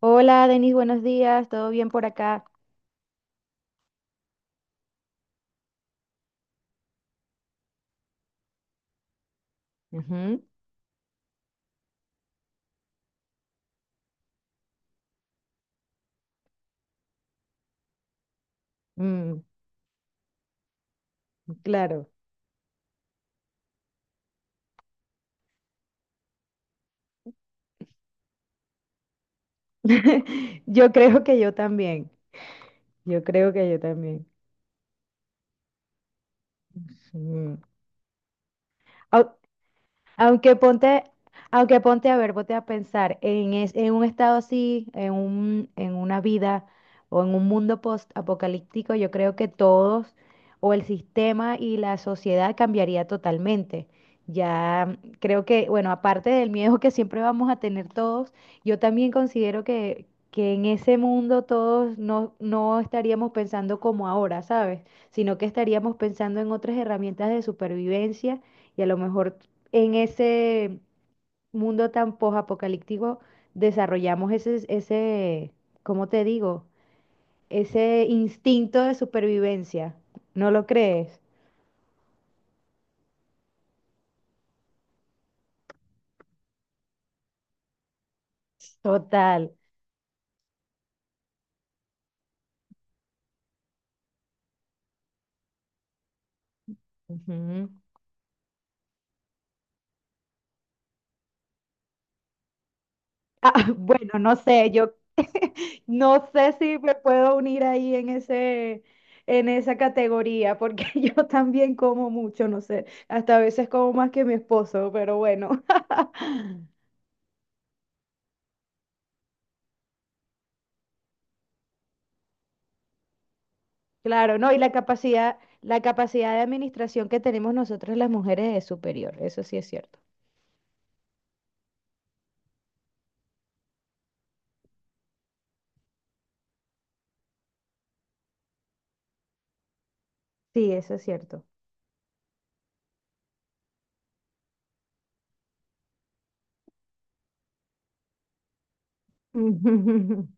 Hola, Denis, buenos días, ¿todo bien por acá? Ujú, mm, claro. Yo creo que yo también, yo creo que yo también. Mm. Au- Aunque ponte, aunque ponte a ver, ponte a pensar en, en un estado así, en una vida o en un mundo post-apocalíptico, yo creo que todos o el sistema y la sociedad cambiaría totalmente. Ya creo que, bueno, aparte del miedo que siempre vamos a tener todos, yo también considero que en ese mundo todos no estaríamos pensando como ahora, ¿sabes? Sino que estaríamos pensando en otras herramientas de supervivencia y a lo mejor en ese mundo tan posapocalíptico desarrollamos ese, ¿cómo te digo? Ese instinto de supervivencia. ¿No lo crees? Total. Ujú. Ah, bueno, no sé, yo no sé si me puedo unir ahí en esa categoría, porque yo también como mucho, no sé, hasta a veces como más que mi esposo, pero bueno. Claro, no, y la capacidad de administración que tenemos nosotros las mujeres es superior, eso sí es cierto. Sí, eso es cierto.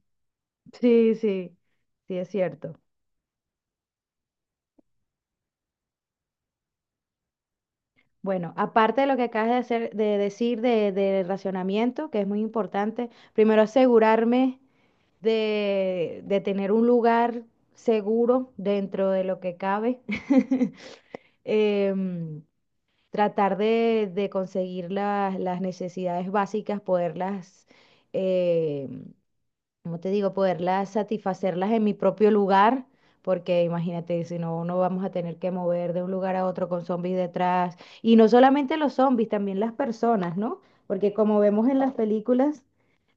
Sí, sí, sí es cierto. Bueno, aparte de lo que acabas de hacer, de decir de racionamiento, que es muy importante, primero asegurarme de tener un lugar seguro dentro de lo que cabe. Em, Tratar de conseguir las necesidades básicas, poderlas, eh, como te digo, poderlas satisfacerlas en mi propio lugar, porque imagínate, si no, no vamos a tener que mover de un lugar a otro con zombies detrás. Y no solamente los zombies, también las personas, ¿no? Porque como vemos en las películas,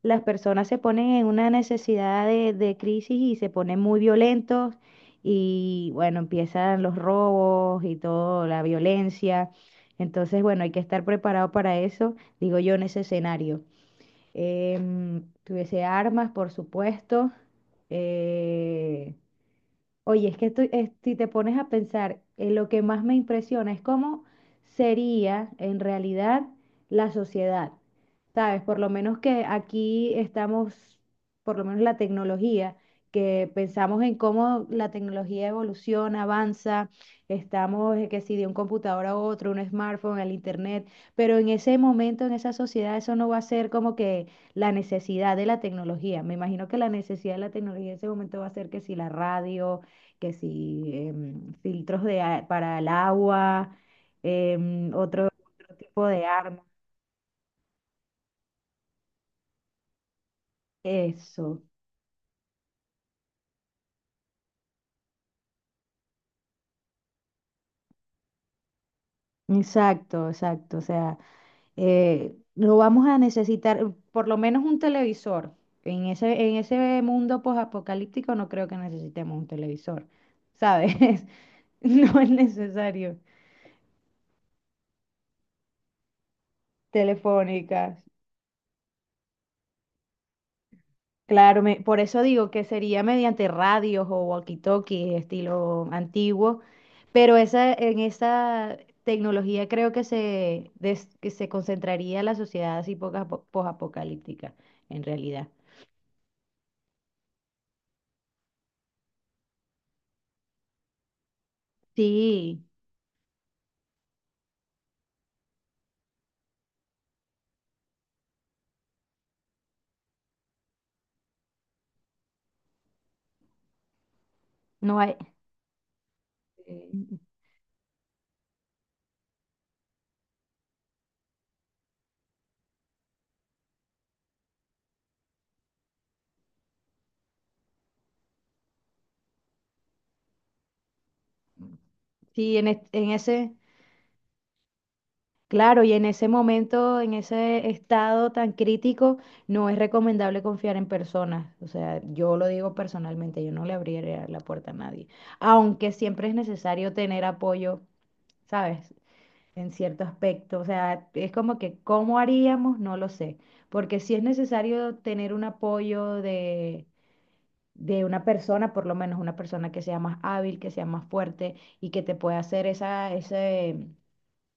las personas se ponen en una necesidad de crisis y se ponen muy violentos y bueno, empiezan los robos y todo, la violencia. Entonces, bueno, hay que estar preparado para eso, digo yo, en ese escenario, que hubiese armas, por supuesto. eh, Oye, es que si te pones a pensar, lo que más me impresiona es cómo sería en realidad la sociedad. ¿Sabes? Por lo menos que aquí estamos, por lo menos la tecnología, que pensamos en cómo la tecnología evoluciona, avanza, estamos, que si de un computador a otro, un smartphone, el internet, pero en ese momento, en esa sociedad, eso no va a ser como que la necesidad de la tecnología. Me imagino que la necesidad de la tecnología en ese momento va a ser que si la radio, que sí, filtros para el agua, em, otro, otro tipo de armas. Eso, exacto, exacto. O sea, lo vamos a necesitar, por lo menos un televisor. En ese mundo posapocalíptico no creo que necesitemos un televisor, ¿sabes? No es necesario. Telefónicas. Claro, por eso digo que sería mediante radios o walkie-talkies estilo antiguo, pero en esa tecnología creo que se concentraría la sociedad así posapocalíptica, en realidad. Sí, no hay. eh, Sí, en ese. Claro, y en ese momento, en ese estado tan crítico, no es recomendable confiar en personas. O sea, yo lo digo personalmente, yo no le abriría la puerta a nadie. Aunque siempre es necesario tener apoyo, ¿sabes? En cierto aspecto. O sea, es como que, ¿cómo haríamos? No lo sé. Porque sí es necesario tener un apoyo de una persona, por lo menos una persona que sea más hábil, que sea más fuerte y que te pueda hacer ese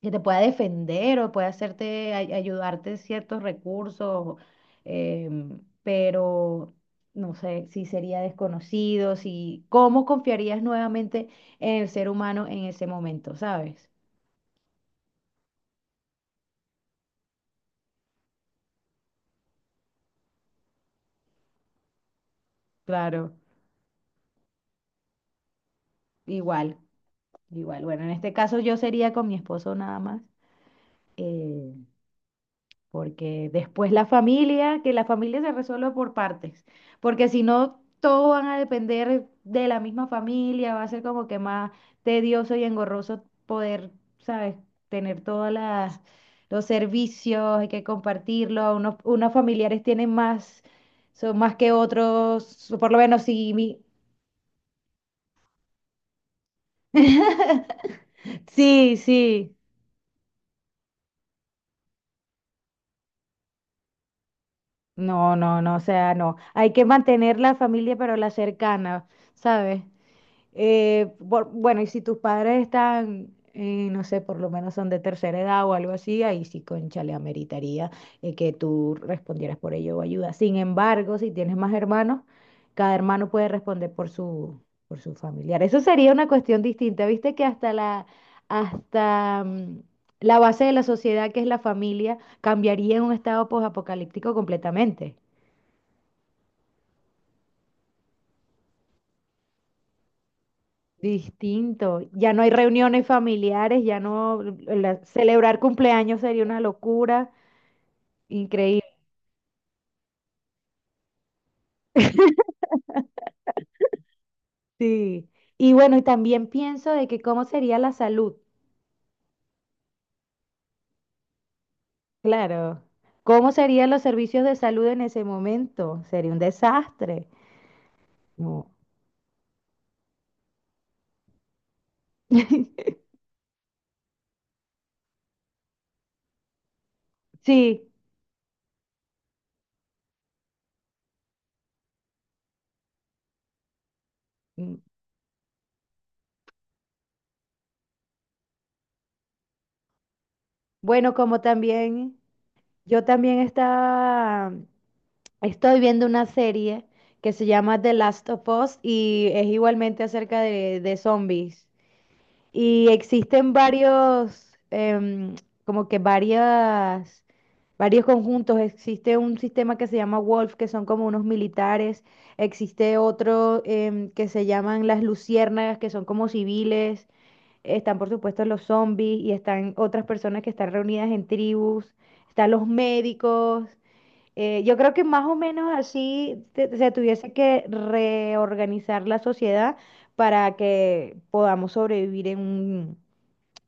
que te pueda defender o pueda hacerte, ayudarte ciertos recursos, pero no sé si sería desconocido, si, ¿cómo confiarías nuevamente en el ser humano en ese momento, ¿sabes? Claro, igual, igual. Bueno, en este caso yo sería con mi esposo nada más. eh, Porque después que la familia se resuelva por partes, porque si no, todos van a depender de la misma familia, va a ser como que más tedioso y engorroso poder, ¿sabes?, tener todas las... Los servicios, hay que compartirlo. Unos familiares tienen más, son más que otros, por lo menos si mi... Sí, sí. No, no, no, o sea, no. Hay que mantener la familia, pero la cercana, ¿sabes? Bueno, y si tus padres están, no sé, por lo menos son de tercera edad o algo así, ahí sí, concha, le ameritaría, que tú respondieras por ello o ayuda. Sin embargo, si tienes más hermanos, cada hermano puede responder por su familiar. Eso sería una cuestión distinta. Viste que hasta la, hasta, mm, la base de la sociedad, que es la familia, cambiaría en un estado posapocalíptico completamente. Distinto. Ya no hay reuniones familiares, ya no, celebrar cumpleaños sería una locura. Increíble. Sí. Y bueno, y también pienso de que cómo sería la salud. Claro. ¿Cómo serían los servicios de salud en ese momento? Sería un desastre. No. Sí. Mm. Bueno, como también, yo también estoy viendo una serie que se llama The Last of Us y es igualmente acerca de zombies. Y existen varios, como que varias, varios conjuntos. Existe un sistema que se llama Wolf, que son como unos militares. Existe otro, que se llaman las luciérnagas, que son como civiles. Están, por supuesto, los zombies y están otras personas que están reunidas en tribus. Están los médicos. Yo creo que más o menos así se tuviese que reorganizar la sociedad para que podamos sobrevivir en un,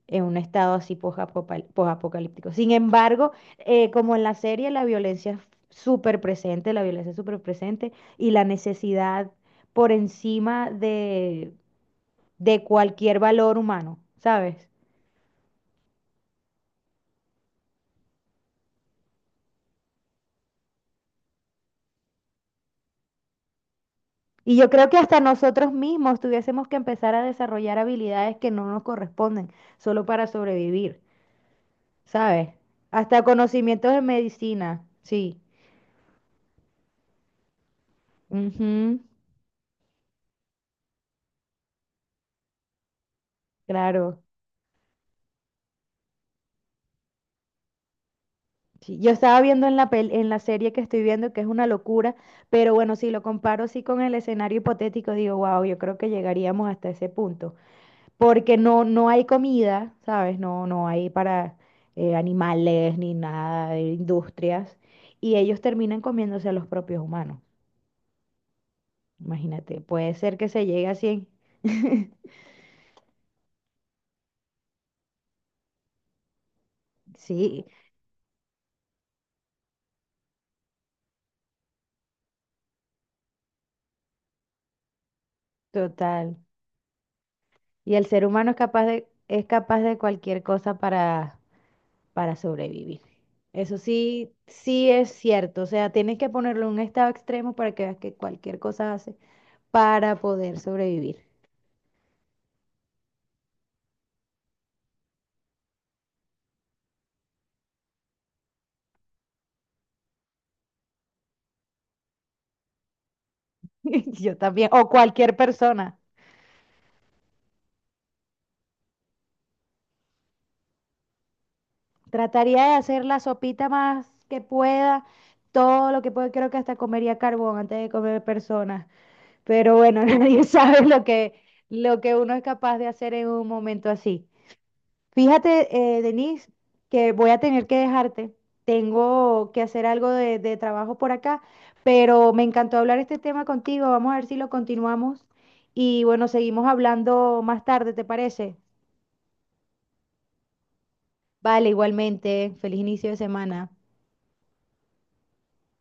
en un estado así posapocalíptico. Sin embargo, como en la serie, la violencia es súper presente, la violencia es súper presente y la necesidad por encima de cualquier valor humano, ¿sabes? Y yo creo que hasta nosotros mismos tuviésemos que empezar a desarrollar habilidades que no nos corresponden solo para sobrevivir. ¿Sabes? Hasta conocimientos de medicina, sí. Ujú, claro. Sí, yo estaba viendo en la serie que estoy viendo, que es una locura, pero bueno, si lo comparo así con el escenario hipotético, digo, wow, yo creo que llegaríamos hasta ese punto, porque no, no hay comida, ¿sabes? No, no hay para, animales ni nada de industrias, y ellos terminan comiéndose a los propios humanos. Imagínate, puede ser que se llegue a cien. Sí, total. Y el ser humano es capaz de cualquier cosa para, sobrevivir. Eso sí, sí es cierto. O sea, tienes que ponerlo en un estado extremo para que veas que cualquier cosa hace para poder sobrevivir. Yo también, o cualquier persona. Trataría de hacer la sopita más que pueda, todo lo que pueda. Creo que hasta comería carbón antes de comer personas. Pero bueno, nadie sabe lo que uno es capaz de hacer en un momento así. Fíjate, Denise, que voy a tener que dejarte. Tengo que hacer algo de trabajo por acá, pero me encantó hablar este tema contigo. Vamos a ver si lo continuamos. Y bueno, seguimos hablando más tarde, ¿te parece? Vale, igualmente. Feliz inicio de semana.